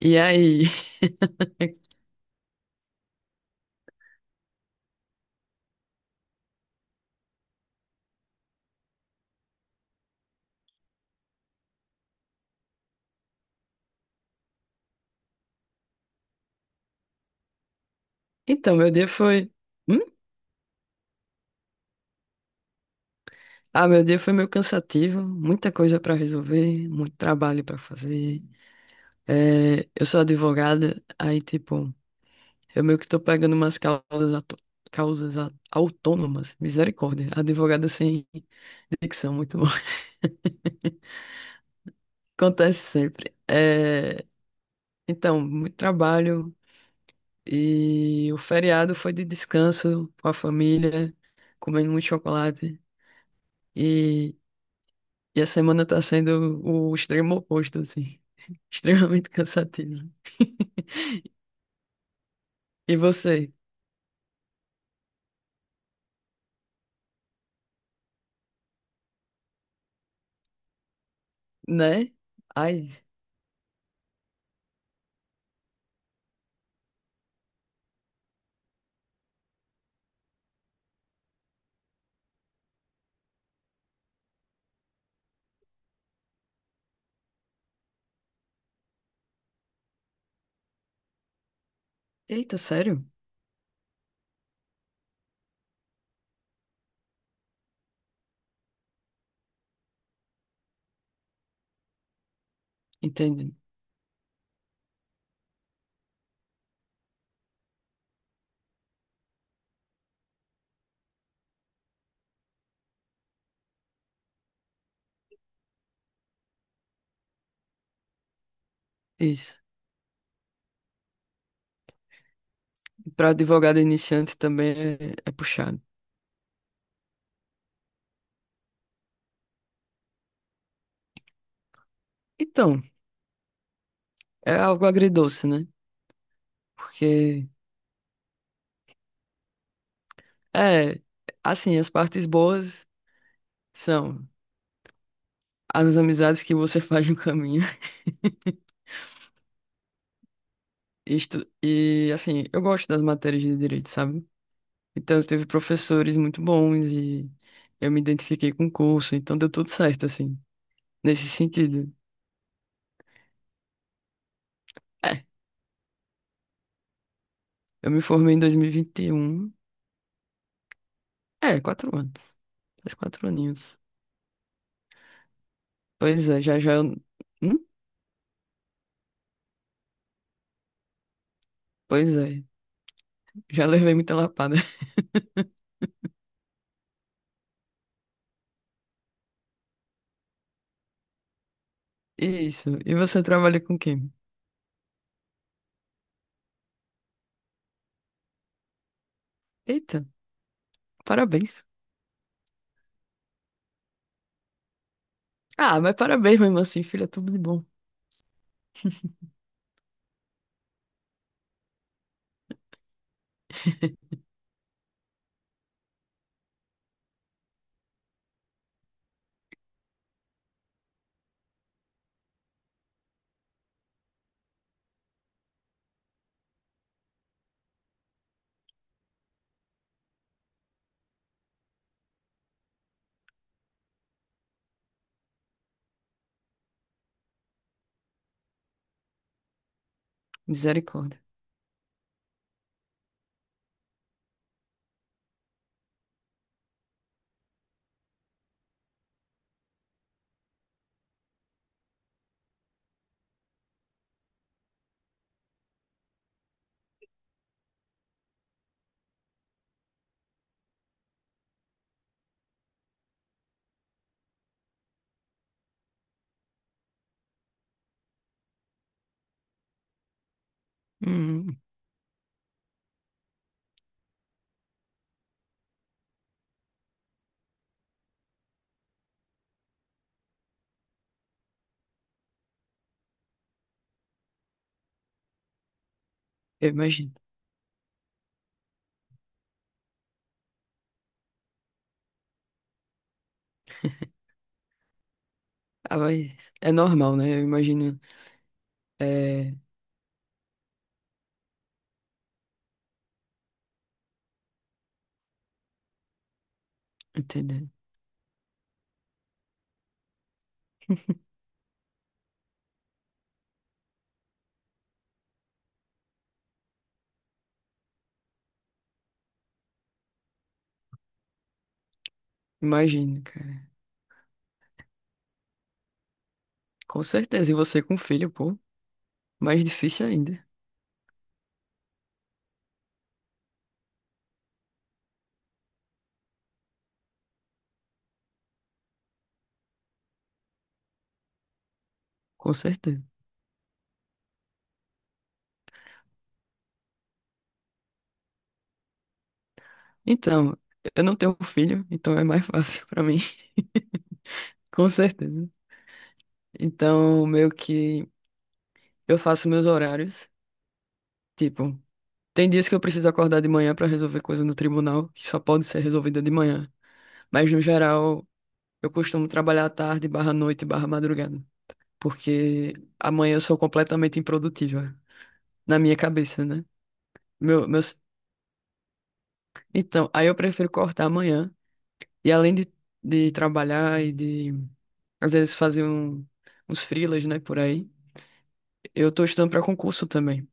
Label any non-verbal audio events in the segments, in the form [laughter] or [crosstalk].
E aí? [laughs] Então, meu dia foi. Hum? Ah, meu dia foi meio cansativo, muita coisa pra resolver, muito trabalho pra fazer. É, eu sou advogada, aí, tipo, eu meio que tô pegando umas causas, causas autônomas, misericórdia. Advogada sem dicção, muito bom. [laughs] Acontece sempre. É, então, muito trabalho e o feriado foi de descanso com a família, comendo muito chocolate. E a semana tá sendo o extremo oposto, assim. [laughs] Extremamente cansativo. [laughs] E você, né? Ai, eita, sério? Entende? Isso. Para advogado iniciante também é puxado. Então, é algo agridoce, né? Porque, é, assim, as partes boas são as amizades que você [laughs] faz no caminho. [laughs] Isto, e, assim, eu gosto das matérias de direito, sabe? Então, teve professores muito bons e eu me identifiquei com o curso, então deu tudo certo, assim, nesse sentido. É, eu me formei em 2021. É, 4 anos. Faz 4 aninhos. Pois é, já já eu... Hum? Pois é, já levei muita lapada. [laughs] Isso. E você trabalha com quem? Eita, parabéns. Ah, mas parabéns mesmo assim, filha, tudo de bom. Misericórdia. Hum, eu imagino. Ah, mas é normal, né? Eu imagino. É, entendeu? Imagino, cara. Com certeza. E você com filho, pô, mais difícil ainda. Com certeza. Então, eu não tenho filho, então é mais fácil [laughs] pra mim. Com certeza. Então, meio que eu faço meus horários. Tipo, tem dias que eu preciso acordar de manhã pra resolver coisa no tribunal, que só pode ser resolvida de manhã. Mas, no geral, eu costumo trabalhar à tarde, barra noite, barra madrugada. Porque amanhã eu sou completamente improdutiva. Na minha cabeça, né? Meu, meus... Então, aí eu prefiro cortar amanhã. E além de trabalhar e de, às vezes, fazer uns freelas, né, por aí, eu tô estudando para concurso também.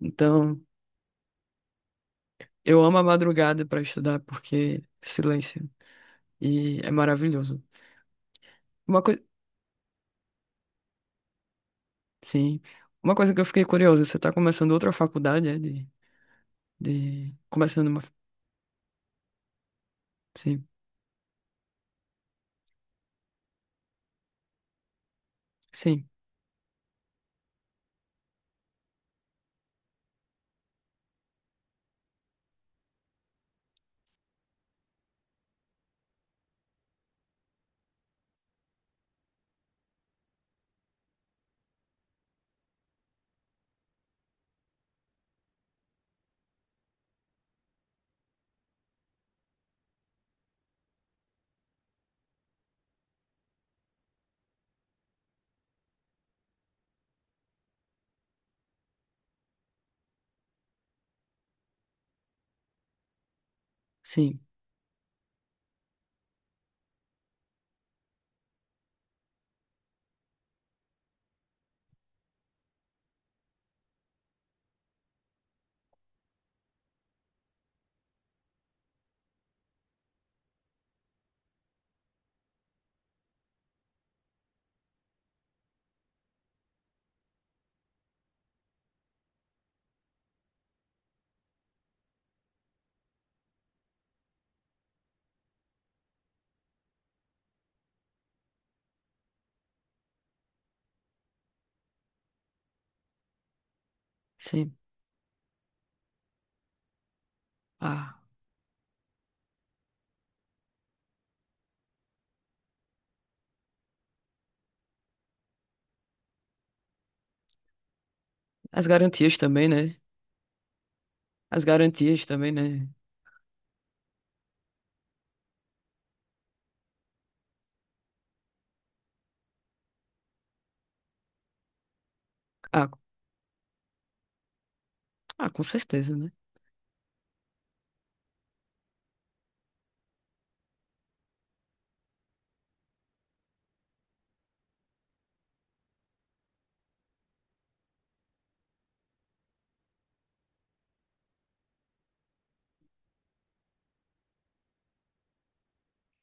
Então, eu amo a madrugada para estudar, porque silêncio. E é maravilhoso. Uma coisa, sim. Uma coisa que eu fiquei curiosa, você tá começando outra faculdade, é de, começando uma, sim, sim, sim, sim. Ah, as garantias também, né? As garantias também, né? Ah, ah, com certeza, né?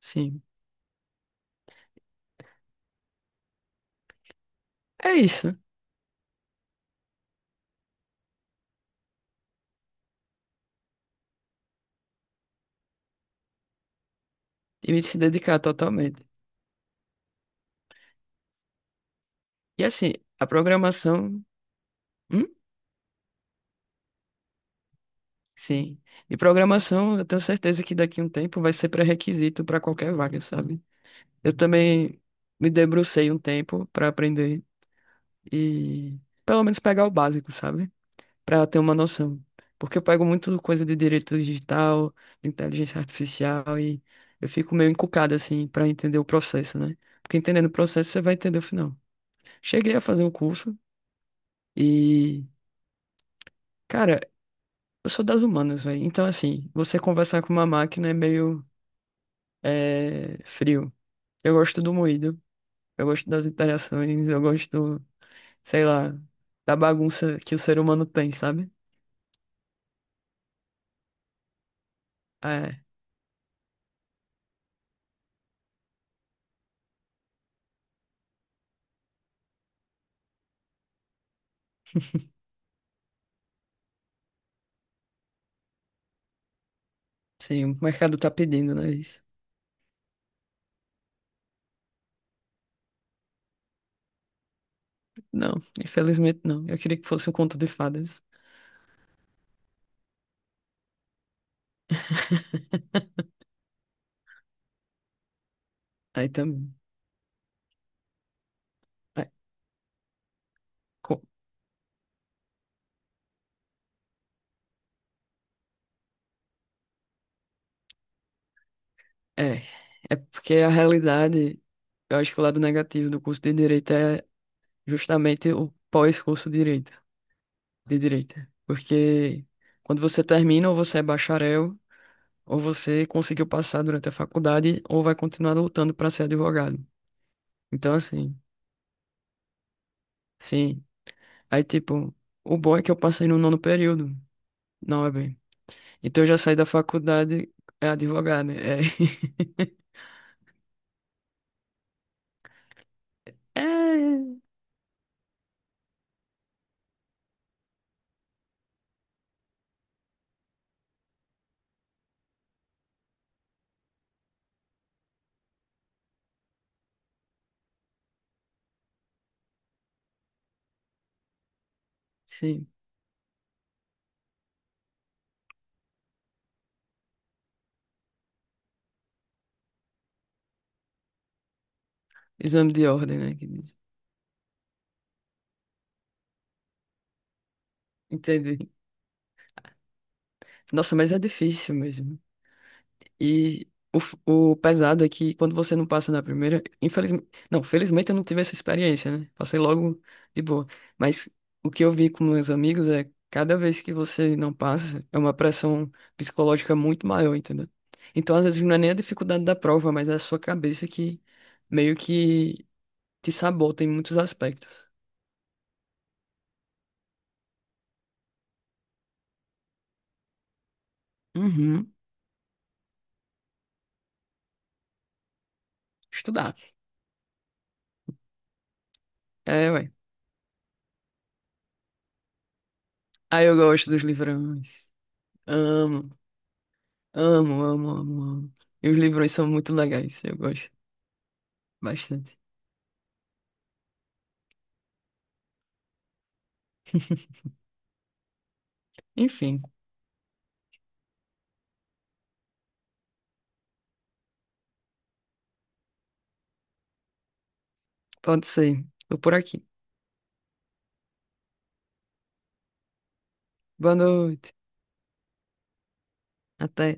Sim. É isso. E me se dedicar totalmente. E assim, a programação. Hum? Sim. E programação, eu tenho certeza que daqui a um tempo vai ser pré-requisito para qualquer vaga, sabe? Eu também me debrucei um tempo para aprender e pelo menos pegar o básico, sabe? Para ter uma noção. Porque eu pego muito coisa de direito digital, de inteligência artificial e eu fico meio encucado assim para entender o processo, né? Porque entendendo o processo você vai entender o final. Cheguei a fazer um curso e, cara, eu sou das humanas, velho. Então, assim, você conversar com uma máquina é meio frio. Eu gosto do moído, eu gosto das interações, eu gosto, sei lá, da bagunça que o ser humano tem, sabe? É, sim, o mercado tá pedindo, né? Isso. Não, infelizmente não. Eu queria que fosse um conto de fadas. Aí também. É, co- é, é porque a realidade, eu acho que o lado negativo do curso de direito é justamente o pós-curso de direito. De direita. Porque quando você termina, ou você é bacharel, ou você conseguiu passar durante a faculdade, ou vai continuar lutando para ser advogado. Então, assim, sim. Aí, tipo, o bom é que eu passei no nono período, não é bem. Então, eu já saí da faculdade, é advogado. Né? É, [laughs] é sim. Exame de ordem, né? Que diz. Entendi. Nossa, mas é difícil mesmo. E o pesado é que quando você não passa na primeira, infelizmente, não, felizmente eu não tive essa experiência, né? Passei logo de boa. Mas o que eu vi com meus amigos é cada vez que você não passa, é uma pressão psicológica muito maior, entendeu? Então, às vezes, não é nem a dificuldade da prova, mas é a sua cabeça que meio que te sabota em muitos aspectos. Uhum, estudar. É, ué. Aí eu gosto dos livrões. Amo. Amo, amo, amo, amo. E os livros são muito legais, eu gosto bastante. Enfim, pode ser. Tô por aqui. Boa noite. Até.